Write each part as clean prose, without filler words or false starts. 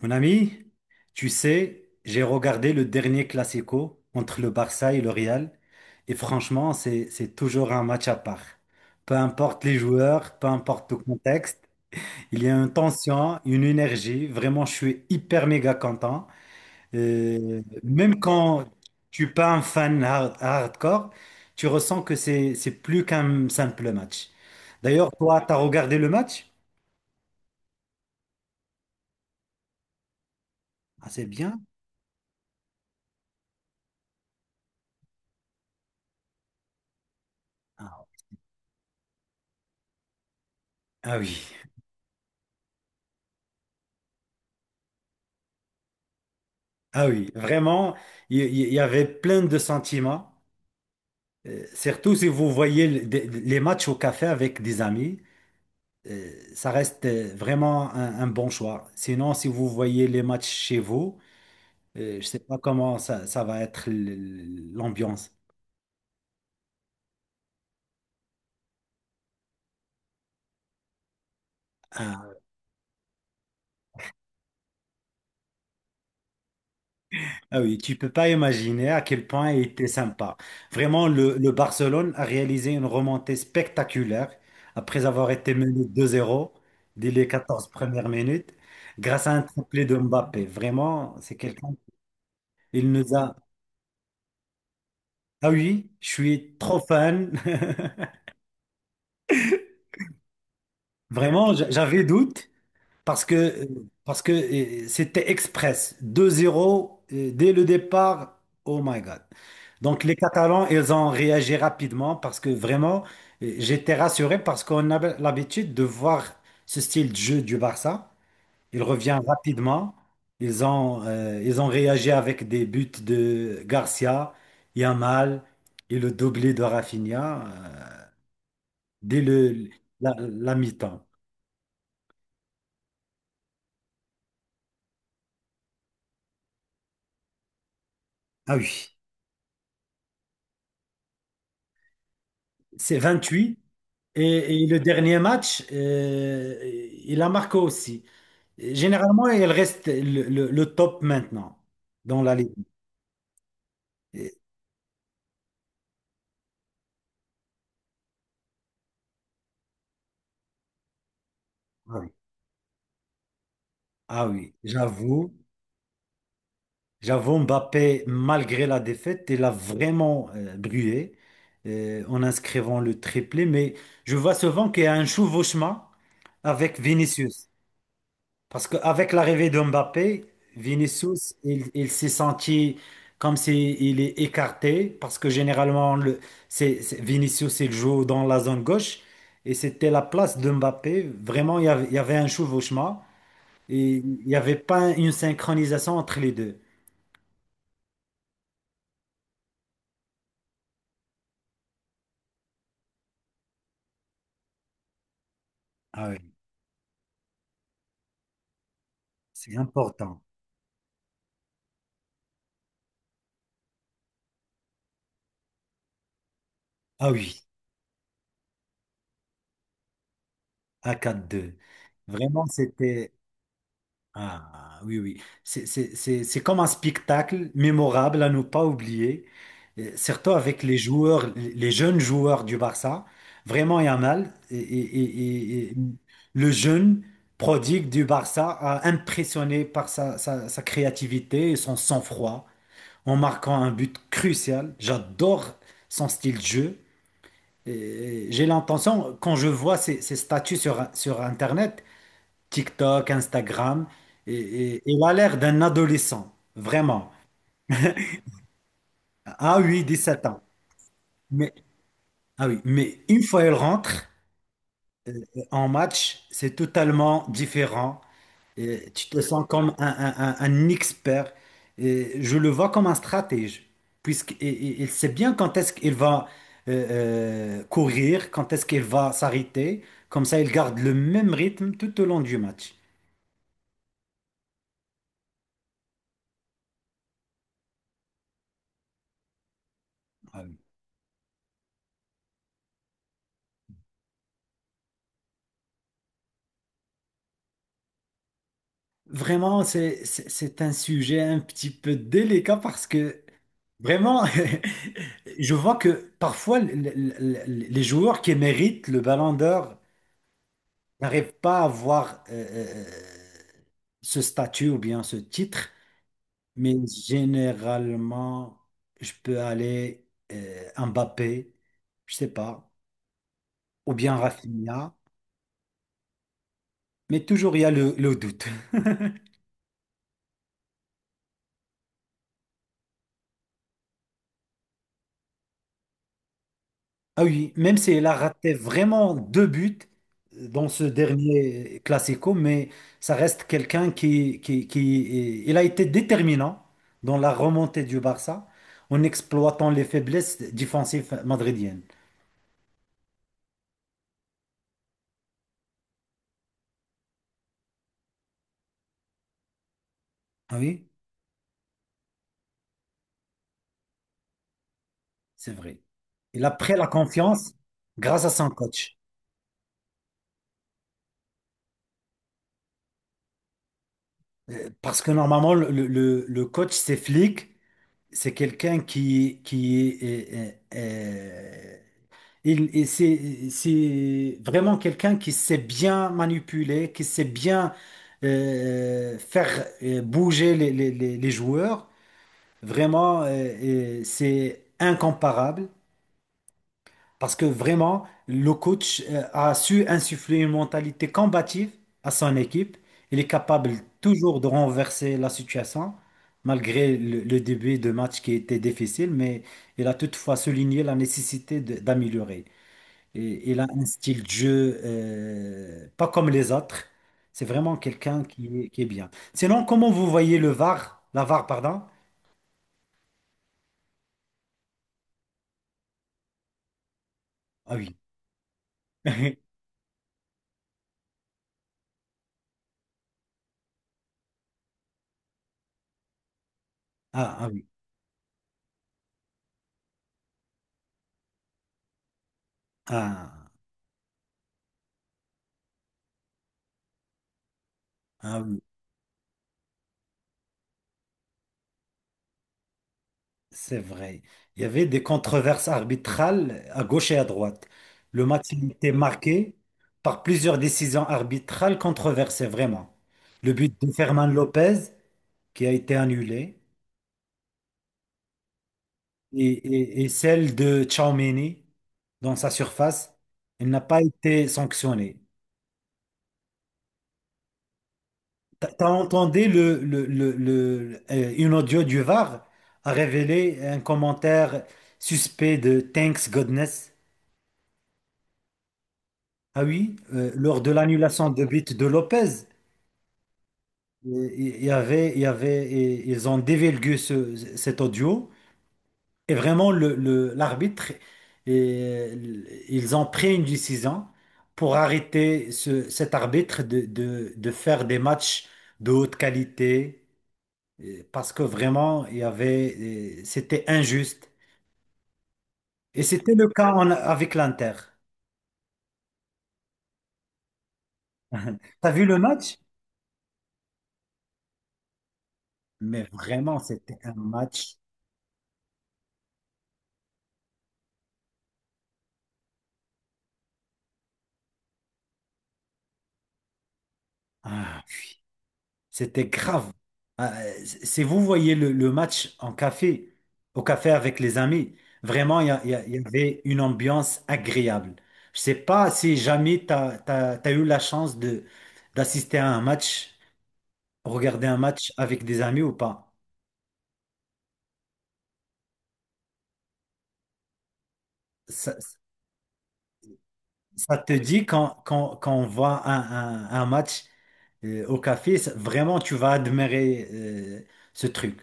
Mon ami, tu sais, j'ai regardé le dernier Classico entre le Barça et le Real, et franchement, c'est toujours un match à part. Peu importe les joueurs, peu importe le contexte, il y a une tension, une énergie. Vraiment, je suis hyper méga content. Même quand tu n'es pas un fan hardcore, tu ressens que c'est plus qu'un simple match. D'ailleurs, toi, tu as regardé le match? Ah, c'est bien. Ah ah oui. Ah oui, vraiment, il y avait plein de sentiments. Surtout si vous voyez les matchs au café avec des amis, ça reste vraiment un bon choix. Sinon, si vous voyez les matchs chez vous, je ne sais pas comment ça va être l'ambiance. Ah oui, tu peux pas imaginer à quel point il était sympa. Vraiment, le Barcelone a réalisé une remontée spectaculaire après avoir été mené 2-0 dès les 14 premières minutes grâce à un triplé de Mbappé. Vraiment, c'est quelqu'un. Il nous a. Ah oui, je suis trop fan. Vraiment, j'avais doute parce que, parce que c'était express. 2-0 dès le départ. Oh my God. Donc les Catalans, ils ont réagi rapidement parce que vraiment, j'étais rassuré parce qu'on a l'habitude de voir ce style de jeu du Barça. Il revient rapidement. Ils ont réagi avec des buts de Garcia, Yamal et le doublé de Rafinha euh, dès la mi-temps. Ah oui. C'est 28. Et, le dernier match, il a marqué aussi. Généralement, il reste le top maintenant dans la Ligue. Et- ah oui. Ah oui, j'avoue, Mbappé, malgré la défaite, il a vraiment brûlé en inscrivant le triplé. Mais je vois souvent qu'il y a un chevauchement avec Vinicius. Parce qu'avec l'arrivée de Mbappé, Vinicius, il s'est senti comme s'il est écarté, parce que généralement, Vinicius, il joue dans la zone gauche, et c'était la place de Mbappé. Vraiment, il y avait un chevauchement, et il n'y avait pas une synchronisation entre les deux. Ah oui, c'est important. Ah oui, à 4-2. Vraiment, c'était... Ah oui, oui. C'est comme un spectacle mémorable à ne pas oublier. Surtout avec les joueurs, les jeunes joueurs du Barça. Vraiment, Yamal le jeune prodigue du Barça a impressionné par sa créativité et son sang-froid en marquant un but crucial. J'adore son style de jeu. Et j'ai l'intention, quand je vois ses statuts sur Internet, TikTok, Instagram. Il a l'air d'un adolescent, vraiment. Ah oui, 17 ans. Mais, ah oui, mais une fois il rentre euh, en match, c'est totalement différent. Et tu te sens comme un expert. Et je le vois comme un stratège, puisqu'il sait bien quand est-ce qu'il va courir, quand est-ce qu'il va s'arrêter. Comme ça, il garde le même rythme tout au long du match. Ah oui. Vraiment, c'est un sujet un petit peu délicat parce que vraiment, je vois que parfois les joueurs qui méritent le ballon d'or n'arrivent pas à avoir ce statut ou bien ce titre, mais généralement, je peux aller Mbappé, je sais pas, ou bien Rafinha, mais toujours il y a le doute. Ah oui, même si elle a raté vraiment 2 buts dans ce dernier Classico, mais ça reste quelqu'un qui il a été déterminant dans la remontée du Barça en exploitant les faiblesses défensives madridiennes. Ah oui, c'est vrai. Il a pris la confiance grâce à son coach. Parce que normalement, le coach, c'est flic, c'est quelqu'un qui est, Il, et c'est vraiment quelqu'un qui sait bien manipuler, qui sait bien faire bouger les joueurs. Vraiment, c'est incomparable parce que vraiment, le coach a su insuffler une mentalité combative à son équipe. Il est capable toujours de renverser la situation, malgré le début de match qui était difficile, mais il a toutefois souligné la nécessité d'améliorer. Et il a un style de jeu, pas comme les autres. C'est vraiment quelqu'un qui est bien. Sinon, comment vous voyez le VAR, la VAR, pardon? Ah oui. Ah, ah oui. Ah, ah oui. C'est vrai. Il y avait des controverses arbitrales à gauche et à droite. Le match il était marqué par plusieurs décisions arbitrales controversées, vraiment. Le but de Ferman Lopez qui a été annulé. Et et celle de Tchouaméni dans sa surface, elle n'a pas été sanctionnée. T'as entendu une audio du VAR a révélé un commentaire suspect de Thanks Godness. Ah oui, lors de l'annulation de but de Lopez, il y avait, et ils ont dévélgué cet audio. Et vraiment, l'arbitre, et- ils ont pris une décision pour arrêter cet arbitre de faire des matchs de haute qualité parce que vraiment, c'était injuste. Et c'était le cas en- avec l'Inter. T'as vu le match? Mais vraiment, c'était un match. Ah, c'était grave. Si vous voyez le match en café, au café avec les amis, vraiment, il y avait une ambiance agréable. Je sais pas si jamais tu as eu la chance de d'assister à un match, regarder un match avec des amis ou pas. Ça, Ça te dit quand, quand on voit un match au café, ça- vraiment, tu vas admirer ce truc.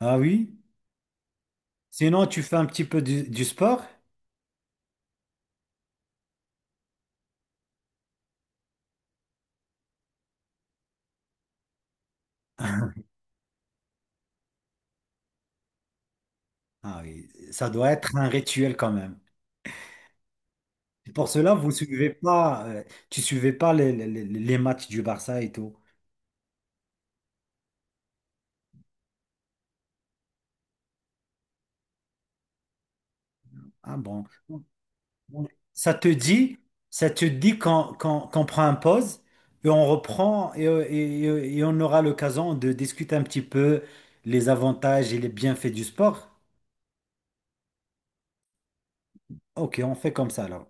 Ah oui? Sinon, tu fais un petit peu du sport? Ah oui, ça doit être un rituel quand même. C'est pour cela, vous suivez pas, tu suivais pas les matchs du Barça et tout. Ah bon. Ça te dit, Ça te dit qu'on qu'on prend un pause et on reprend et et on aura l'occasion de discuter un petit peu les avantages et les bienfaits du sport. Ok, on fait comme ça alors.